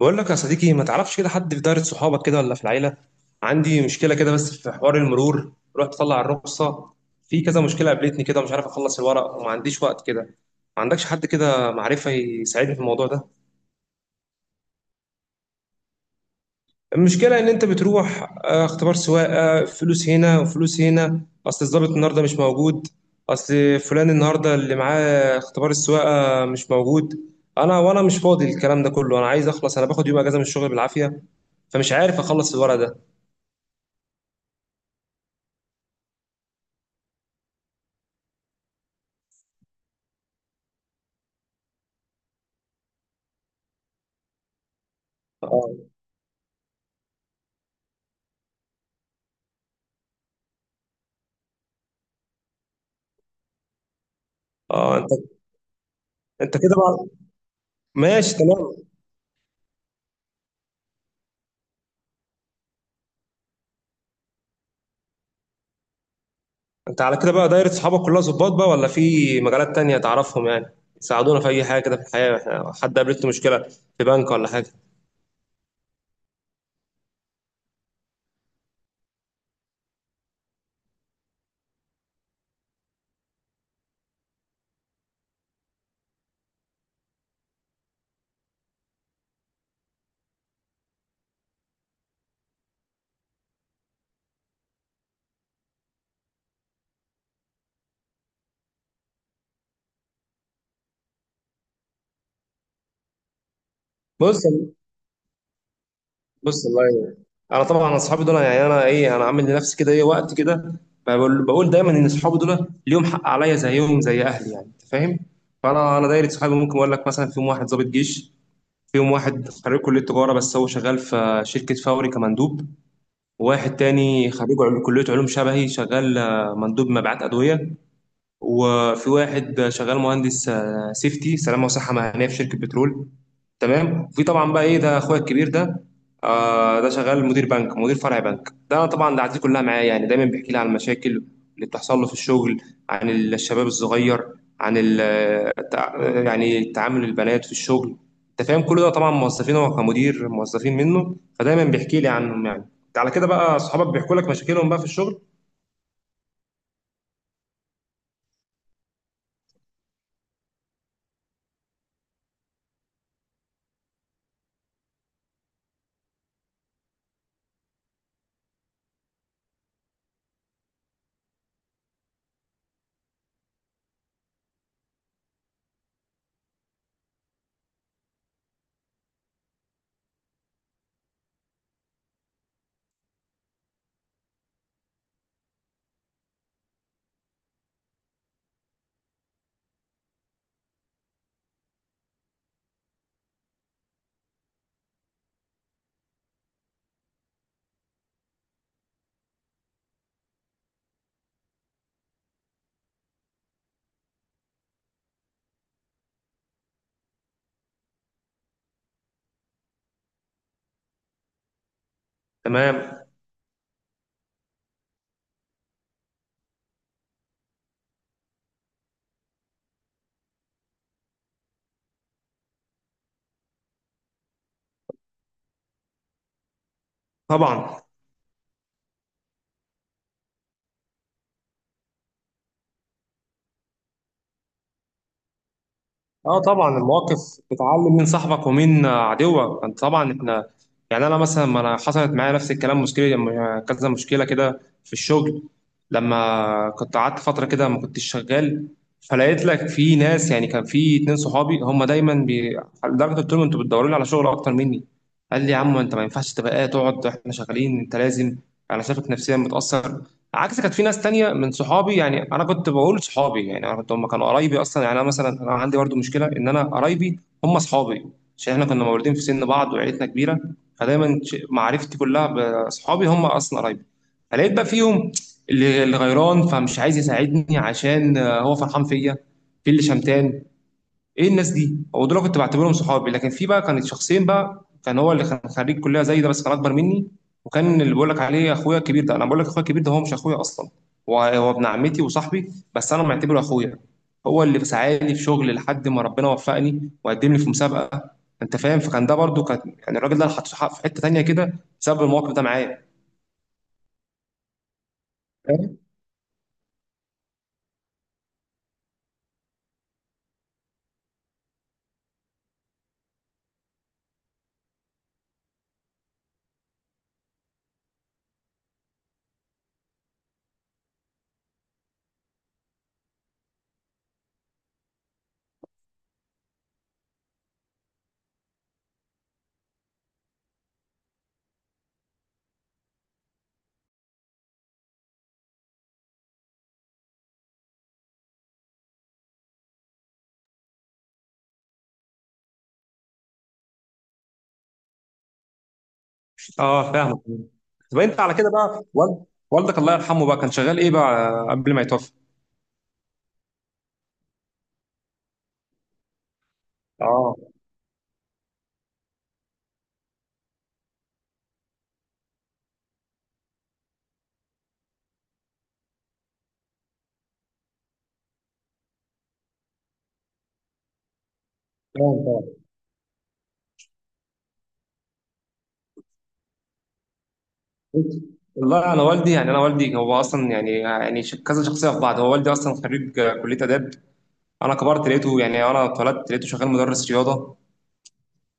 بقول لك يا صديقي، ما تعرفش كده حد في دايرة صحابك كده ولا في العيلة؟ عندي مشكلة كده بس في حوار المرور. رحت اطلع الرخصة، في كذا مشكلة قابلتني كده، مش عارف اخلص الورق وما عنديش وقت كده. ما عندكش حد كده معرفة يساعدني في الموضوع ده؟ المشكلة ان انت بتروح اختبار سواقة، فلوس هنا وفلوس هنا. اصل الضابط النهاردة مش موجود، اصل فلان النهاردة اللي معاه اختبار السواقة مش موجود. انا مش فاضي الكلام ده كله، انا عايز اخلص، انا باخد يوم اجازة من الشغل بالعافية. فمش عارف اخلص الورق ده. اه. اه انت. انت كده بقى. ماشي تمام. انت على كده بقى دايرة صحابك كلها ظباط بقى ولا في مجالات تانية تعرفهم يعني يساعدونا في اي حاجة كده في الحياة؟ احنا حد قابلته مشكلة في بنك ولا حاجة؟ بص. بص والله يعني. انا طبعا اصحابي دول يعني، انا ايه، انا عامل لنفسي كده ايه وقت كده، بقول دايما ان اصحابي دول ليهم حق عليا زيهم زي اهلي، يعني انت فاهم. فانا دايرة صحابي ممكن اقول لك مثلا فيهم واحد ضابط جيش، فيهم واحد خريج كلية تجارة بس هو شغال في شركة فوري كمندوب، واحد تاني خريج كلية علوم شبهي شغال مندوب مبيعات أدوية، وفي واحد شغال مهندس سيفتي سلامة وصحة مهنية في شركة بترول. تمام. وفي طبعا بقى ايه ده اخويا الكبير ده، آه ده شغال مدير بنك، مدير فرع بنك. ده انا طبعا دعاتي كلها معاه يعني، دايما بيحكي لي عن المشاكل اللي بتحصل له في الشغل، عن الشباب الصغير، عن التع- يعني تعامل البنات في الشغل. انت فاهم؟ كل ده طبعا موظفين، هو كمدير موظفين منه، فدايما بيحكي لي عنهم يعني. على كده بقى اصحابك بيحكوا لك مشاكلهم بقى في الشغل. تمام. طبعا. اه طبعا المواقف بتعلم مين صاحبك ومين عدوك، انت طبعا احنا يعني. انا مثلا، ما انا حصلت معايا نفس الكلام، مشكله كذا مشكله كده في الشغل لما كنت قعدت فتره كده ما كنتش شغال، فلقيت لك في ناس يعني كان في اتنين صحابي هم دايما بي... لدرجه قلت لهم انتوا بتدوروا لي على شغل اكتر مني. قال لي يا عم انت ما ينفعش تبقى قاعد، تقعد احنا شغالين، انت لازم، انا شايفك نفسيا متاثر. عكس كانت في ناس تانية من صحابي يعني انا كنت بقول صحابي يعني انا كنت، هم كانوا قرايبي اصلا يعني، انا مثلا انا عندي برضو مشكله ان انا قرايبي هم صحابي عشان احنا كنا مولودين في سن بعض وعيلتنا كبيره. فدايما معرفتي كلها باصحابي هم اصلا قرايبي. فلقيت بقى فيهم اللي غيران فمش عايز يساعدني عشان هو فرحان فيا، في اللي شمتان. ايه الناس دي؟ هو دول كنت بعتبرهم صحابي. لكن في بقى كانت شخصين بقى، كان هو اللي كان خريج كليه زي ده بس كان اكبر مني، وكان اللي بقول لك عليه اخويا الكبير ده. انا بقول لك اخويا الكبير ده هو مش اخويا اصلا، هو هو ابن عمتي وصاحبي بس انا معتبره اخويا. هو اللي ساعدني في شغل لحد ما ربنا وفقني وقدم لي في مسابقه. انت فاهم؟ فكان ده برضو كان يعني الراجل ده انا حاطه في حته تانيه كده بسبب الموقف ده معايا. فاهم؟ اه فاهمك. طب انت على كده بقى والدك الله يرحمه بقى كان شغال ايه بقى قبل ما يتوفى؟ اه فاهم. والله انا والدي يعني، انا والدي هو اصلا يعني يعني كذا شخصيه في بعض، هو والدي اصلا خريج كليه اداب. انا كبرت لقيته يعني، انا اتولدت لقيته شغال مدرس رياضه،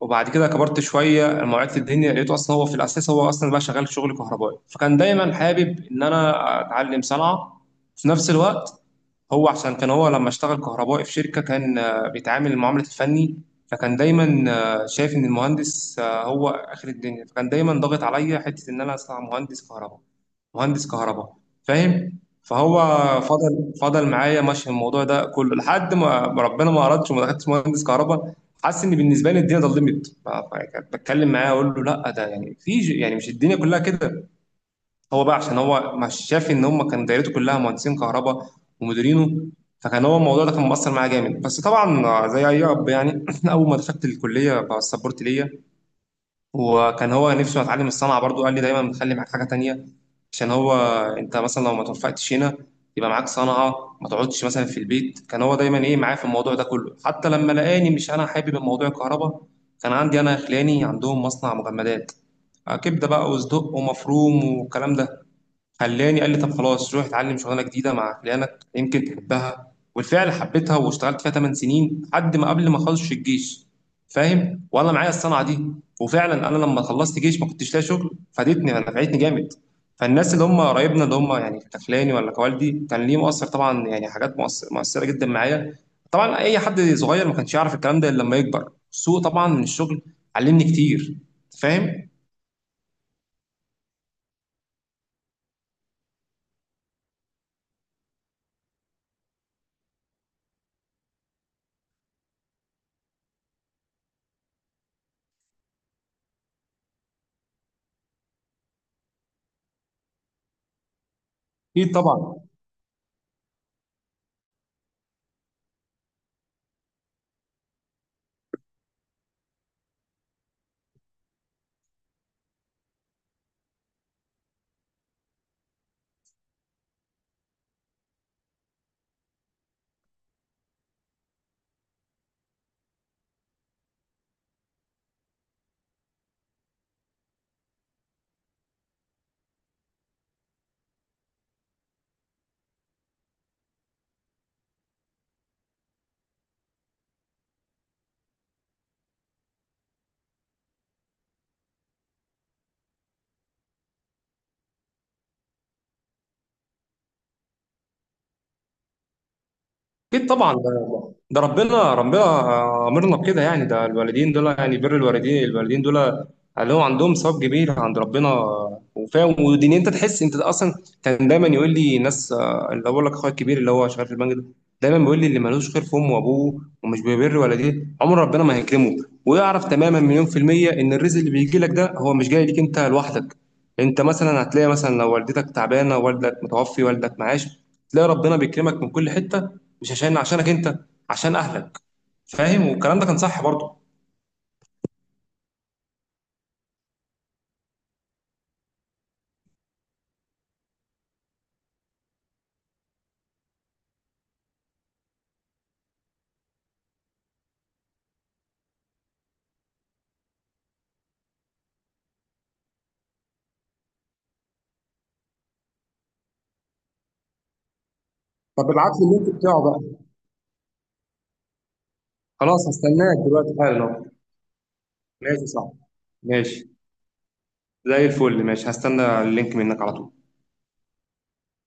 وبعد كده كبرت شويه لما وعيت في الدنيا لقيته اصلا هو في الاساس هو اصلا بقى شغال شغل كهربائي. فكان دايما حابب ان انا اتعلم صنعه في نفس الوقت. هو عشان كان هو لما اشتغل كهربائي في شركه كان بيتعامل معامله الفني، فكان دايما شايف ان المهندس هو اخر الدنيا، فكان دايما ضاغط عليا حته ان انا اصنع مهندس كهرباء، مهندس كهرباء. فاهم؟ فهو فضل معايا ماشي في الموضوع ده كله لحد ما ربنا ما اردش وما دخلتش مهندس كهرباء. حاسس ان بالنسبه لي الدنيا ظلمت، بتكلم معاه اقول له لا ده يعني في يعني مش الدنيا كلها كده. هو بقى عشان هو مش شاف ان هم، كان دايرته كلها مهندسين كهرباء ومديرينه. فكان هو الموضوع ده كان مؤثر معاه جامد. بس طبعا زي اي اب يعني اول ما دخلت الكليه بقى السبورت ليا، وكان هو نفسه اتعلم الصنعه برضو قال لي دايما خلي معاك حاجه تانيه. عشان هو انت مثلا لو ما توفقتش هنا يبقى معاك صنعة ما تقعدش مثلا في البيت. كان هو دايما ايه معايا في الموضوع ده كله، حتى لما لقاني مش انا حابب الموضوع الكهرباء كان عندي انا خلاني عندهم مصنع مجمدات، كبدة بقى وصدق ومفروم والكلام ده، خلاني قال لي طب خلاص روح اتعلم شغلانه جديده مع خلانك يمكن تحبها، والفعل حبيتها واشتغلت فيها 8 سنين لحد ما قبل ما اخلص الجيش. فاهم؟ وانا معايا الصنعه دي، وفعلا انا لما خلصت جيش ما كنتش لاقي شغل فادتني نفعتني جامد. فالناس اللي هم قرايبنا اللي هم يعني كخلاني ولا كوالدي كان ليه مؤثر طبعا يعني، حاجات مؤثره جدا معايا. طبعا اي حد صغير ما كانش يعرف الكلام ده الا لما يكبر، السوق طبعا من الشغل علمني كتير. فاهم؟ اكيد طبعا اكيد طبعا، ده ربنا، ربنا امرنا بكده يعني، ده الوالدين دول يعني، بر الوالدين، الوالدين دول لهم عندهم ثواب كبير عند ربنا. وفاهم ودين انت تحس انت اصلا، كان دايما يقول لي ناس اللي بقول لك اخويا الكبير اللي هو شغال في البنك ده دايما بيقول لي اللي ملوش خير في امه وابوه ومش بيبر والديه عمر ربنا ما هيكرمه. ويعرف تماما مليون في المية ان الرزق اللي بيجي لك ده هو مش جاي ليك انت لوحدك. انت مثلا هتلاقي مثلا لو والدتك تعبانه والدك متوفي والدك معاش تلاقي ربنا بيكرمك من كل حته، مش عشانك انت، عشان اهلك. فاهم؟ والكلام ده كان صح برضه. طب ابعت لي اللينك بتاعه بقى. خلاص هستناك دلوقتي حالا اهو. ماشي صح. ماشي. زي الفل، ماشي، هستنى اللينك منك على طول.